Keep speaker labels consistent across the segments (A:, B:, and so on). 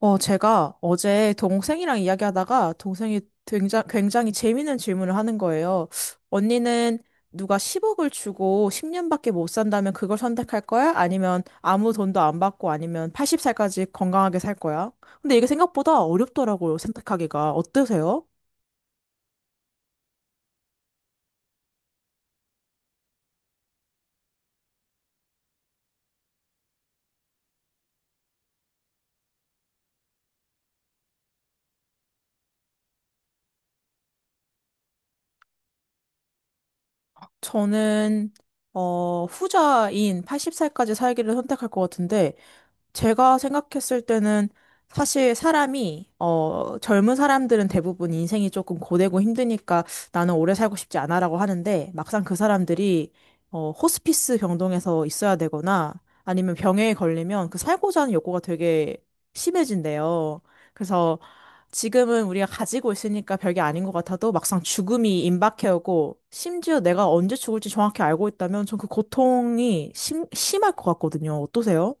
A: 제가 어제 동생이랑 이야기하다가 동생이 굉장히, 굉장히 재밌는 질문을 하는 거예요. 언니는 누가 10억을 주고 10년밖에 못 산다면 그걸 선택할 거야? 아니면 아무 돈도 안 받고 아니면 80살까지 건강하게 살 거야? 근데 이게 생각보다 어렵더라고요, 선택하기가. 어떠세요? 저는, 후자인 80살까지 살기를 선택할 것 같은데, 제가 생각했을 때는 사실 사람이, 젊은 사람들은 대부분 인생이 조금 고되고 힘드니까 나는 오래 살고 싶지 않아라고 하는데 막상 그 사람들이, 호스피스 병동에서 있어야 되거나 아니면 병에 걸리면 그 살고자 하는 욕구가 되게 심해진대요. 그래서 지금은 우리가 가지고 있으니까 별게 아닌 것 같아도 막상 죽음이 임박해오고 심지어 내가 언제 죽을지 정확히 알고 있다면 전 그 고통이 심할 것 같거든요. 어떠세요?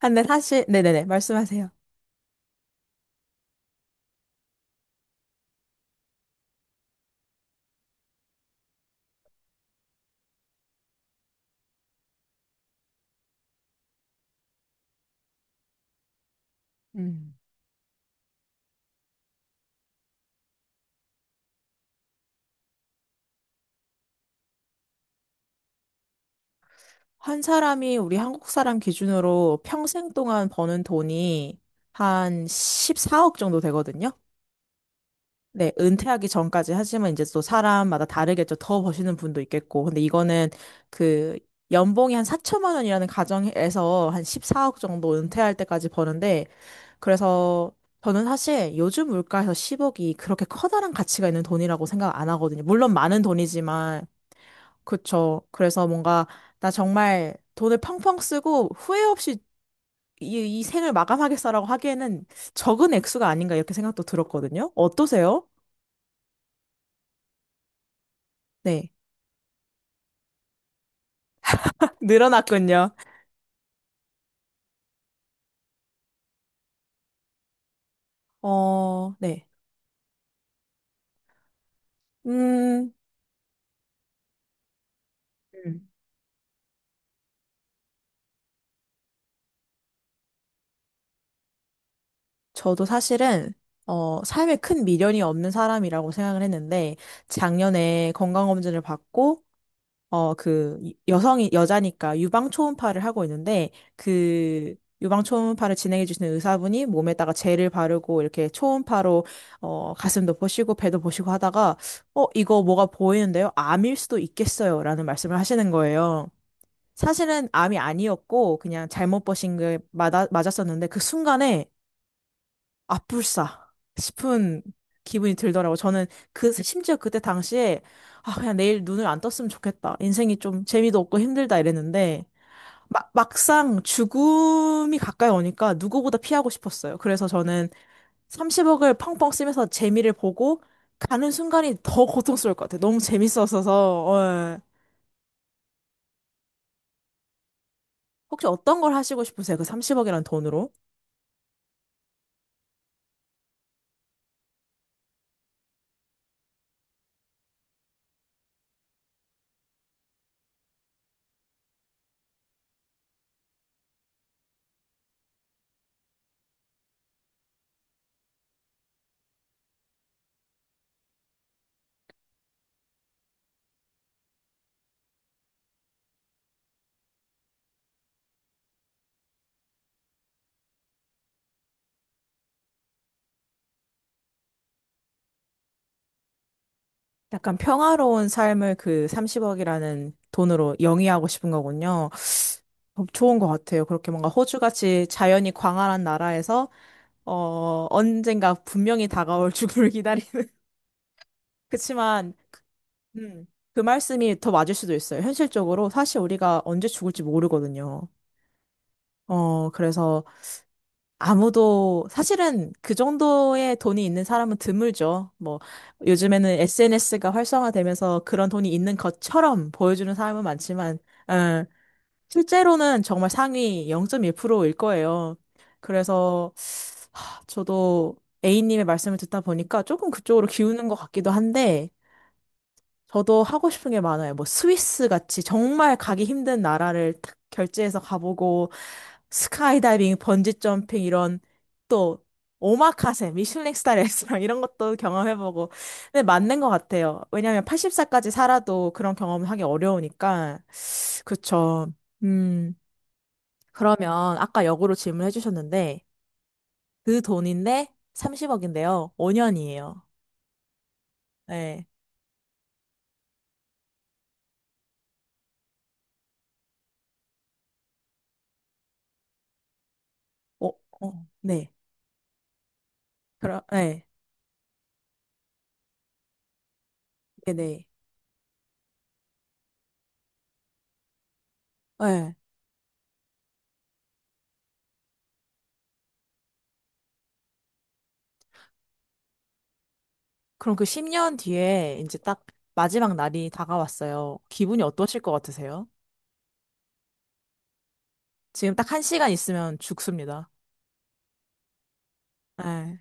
A: 아, 근데 사실, 네네네, 말씀하세요. 음. 한 사람이 우리 한국 사람 기준으로 평생 동안 버는 돈이 한 14억 정도 되거든요. 네, 은퇴하기 전까지 하지만 이제 또 사람마다 다르겠죠. 더 버시는 분도 있겠고. 근데 이거는 그 연봉이 한 4천만 원이라는 가정에서 한 14억 정도 은퇴할 때까지 버는데 그래서 저는 사실 요즘 물가에서 10억이 그렇게 커다란 가치가 있는 돈이라고 생각 안 하거든요. 물론 많은 돈이지만 그쵸. 그래서 뭔가 나 정말 돈을 펑펑 쓰고 후회 없이 이 생을 마감하겠어라고 하기에는 적은 액수가 아닌가 이렇게 생각도 들었거든요. 어떠세요? 네. 늘어났군요. 네. 음, 음. 저도 사실은 삶에 큰 미련이 없는 사람이라고 생각을 했는데 작년에 건강검진을 받고 여자니까 유방 초음파를 하고 있는데, 그, 유방 초음파를 진행해 주시는 의사분이 몸에다가 젤을 바르고, 이렇게 초음파로, 가슴도 보시고, 배도 보시고 하다가, 어, 이거 뭐가 보이는데요? 암일 수도 있겠어요. 라는 말씀을 하시는 거예요. 사실은 암이 아니었고, 그냥 잘못 보신 게 맞았었는데, 그 순간에, 아뿔싸 싶은 기분이 들더라고. 저는 심지어 그때 당시에, 아, 그냥 내일 눈을 안 떴으면 좋겠다. 인생이 좀 재미도 없고 힘들다 이랬는데, 막상 죽음이 가까이 오니까 누구보다 피하고 싶었어요. 그래서 저는 30억을 펑펑 쓰면서 재미를 보고 가는 순간이 더 고통스러울 것 같아요. 너무 재밌었어서, 예. 혹시 어떤 걸 하시고 싶으세요? 그 30억이란 돈으로? 약간 평화로운 삶을 그 30억이라는 돈으로 영위하고 싶은 거군요. 어, 좋은 것 같아요. 그렇게 뭔가 호주같이 자연이 광활한 나라에서 언젠가 분명히 다가올 죽음을 기다리는. 그치만, 음, 그 말씀이 더 맞을 수도 있어요. 현실적으로 사실 우리가 언제 죽을지 모르거든요. 그래서 아무도 사실은 그 정도의 돈이 있는 사람은 드물죠. 뭐 요즘에는 SNS가 활성화되면서 그런 돈이 있는 것처럼 보여주는 사람은 많지만 어, 실제로는 정말 상위 0.1%일 거예요. 그래서 하, 저도 A님의 말씀을 듣다 보니까 조금 그쪽으로 기우는 것 같기도 한데 저도 하고 싶은 게 많아요. 뭐 스위스 같이 정말 가기 힘든 나라를 탁 결제해서 가보고 스카이다이빙, 번지 점핑 이런 또 오마카세, 미슐랭 스타 레스토랑 이런 것도 경험해보고 근데 맞는 것 같아요. 왜냐하면 8살까지 살아도 그런 경험을 하기 어려우니까 그쵸. 음 그러면 아까 역으로 질문해 주셨는데 그 돈인데 30억인데요. 5년이에요. 네. 어, 어, 네. 그럼 네. 네네. 네. 네. 그럼 그 10년 뒤에 이제 딱 마지막 날이 다가왔어요. 기분이 어떠실 것 같으세요? 지금 딱 한 시간 있으면 죽습니다. 네.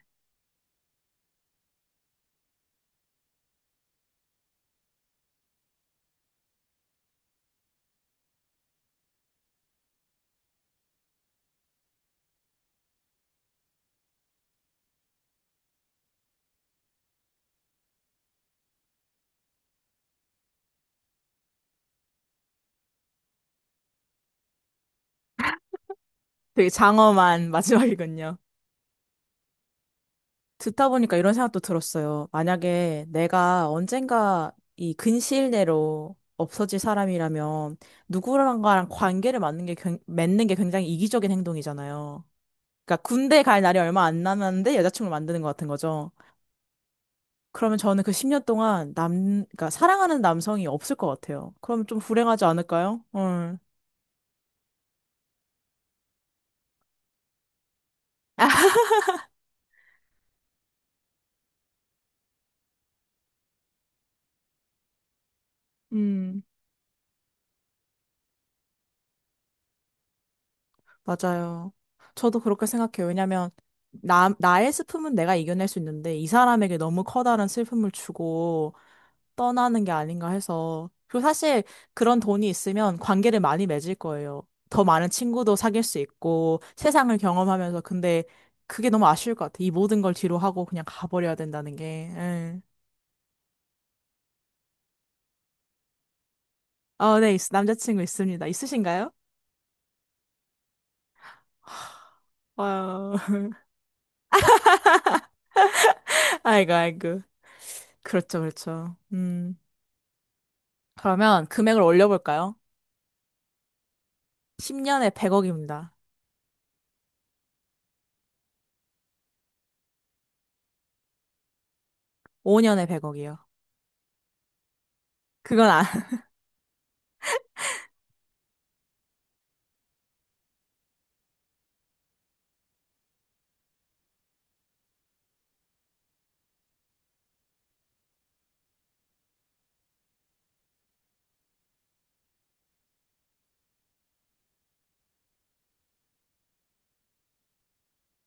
A: 되게 장엄한 마지막이군요. 듣다 보니까 이런 생각도 들었어요. 만약에 내가 언젠가 이 근시일 내로 없어질 사람이라면 누구랑가랑 관계를 맺는 게, 맺는 게 굉장히 이기적인 행동이잖아요. 그러니까 군대 갈 날이 얼마 안 남았는데 여자친구를 만드는 것 같은 거죠. 그러면 저는 그 10년 동안 그러니까 사랑하는 남성이 없을 것 같아요. 그러면 좀 불행하지 않을까요? 응. 음, 맞아요. 저도 그렇게 생각해요. 왜냐면, 나의 슬픔은 내가 이겨낼 수 있는데, 이 사람에게 너무 커다란 슬픔을 주고 떠나는 게 아닌가 해서. 그리고 사실 그런 돈이 있으면 관계를 많이 맺을 거예요. 더 많은 친구도 사귈 수 있고, 세상을 경험하면서. 근데 그게 너무 아쉬울 것 같아요. 이 모든 걸 뒤로 하고 그냥 가버려야 된다는 게. 응. 남자친구 있습니다. 있으신가요? 어, 아이고, 아이고. 그렇죠, 그렇죠. 그러면 금액을 올려볼까요? 10년에 100억입니다. 5년에 100억이요. 그건 안,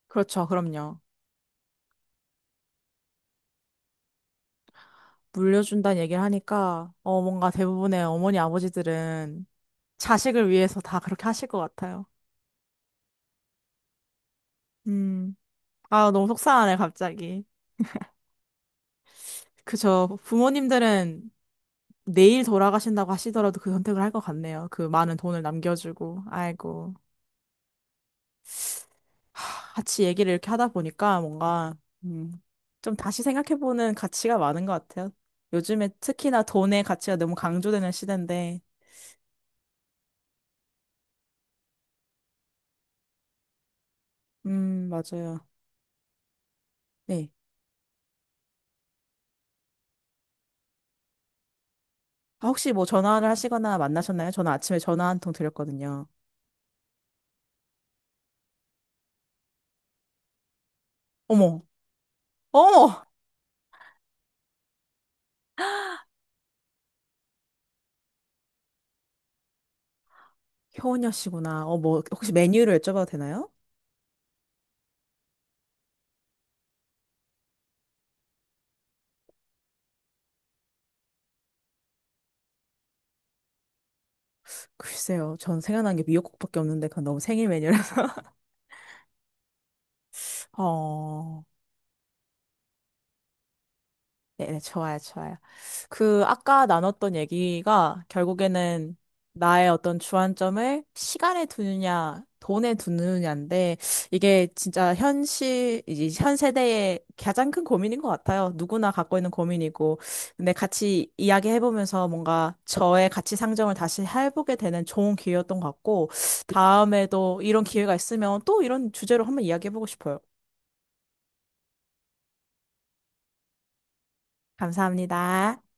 A: 그렇죠, 그럼요. 물려준다는 얘기를 하니까, 뭔가 대부분의 어머니, 아버지들은 자식을 위해서 다 그렇게 하실 것 같아요. 음, 아, 너무 속상하네, 갑자기. 그죠. 부모님들은 내일 돌아가신다고 하시더라도 그 선택을 할 것 같네요. 그 많은 돈을 남겨주고, 아이고. 같이 얘기를 이렇게 하다 보니까 뭔가, 음, 좀 다시 생각해보는 가치가 많은 것 같아요. 요즘에 특히나 돈의 가치가 너무 강조되는 시대인데, 맞아요. 네. 아, 혹시 뭐 전화를 하시거나 만나셨나요? 저는 아침에 전화 한 통 드렸거든요. 어머, 어머! 효은여 씨구나. 혹시 메뉴를 여쭤봐도 되나요? 글쎄요. 전 생각난 게 미역국밖에 없는데, 그건 너무 생일 메뉴라서. 어. 네네, 좋아요, 좋아요. 그, 아까 나눴던 얘기가 결국에는 나의 어떤 주안점을 시간에 두느냐, 돈에 두느냐인데, 이게 진짜 현실, 이제 현 세대의 가장 큰 고민인 것 같아요. 누구나 갖고 있는 고민이고. 근데 같이 이야기해보면서 뭔가 저의 가치 상정을 다시 해보게 되는 좋은 기회였던 것 같고, 다음에도 이런 기회가 있으면 또 이런 주제로 한번 이야기해보고 싶어요. 감사합니다.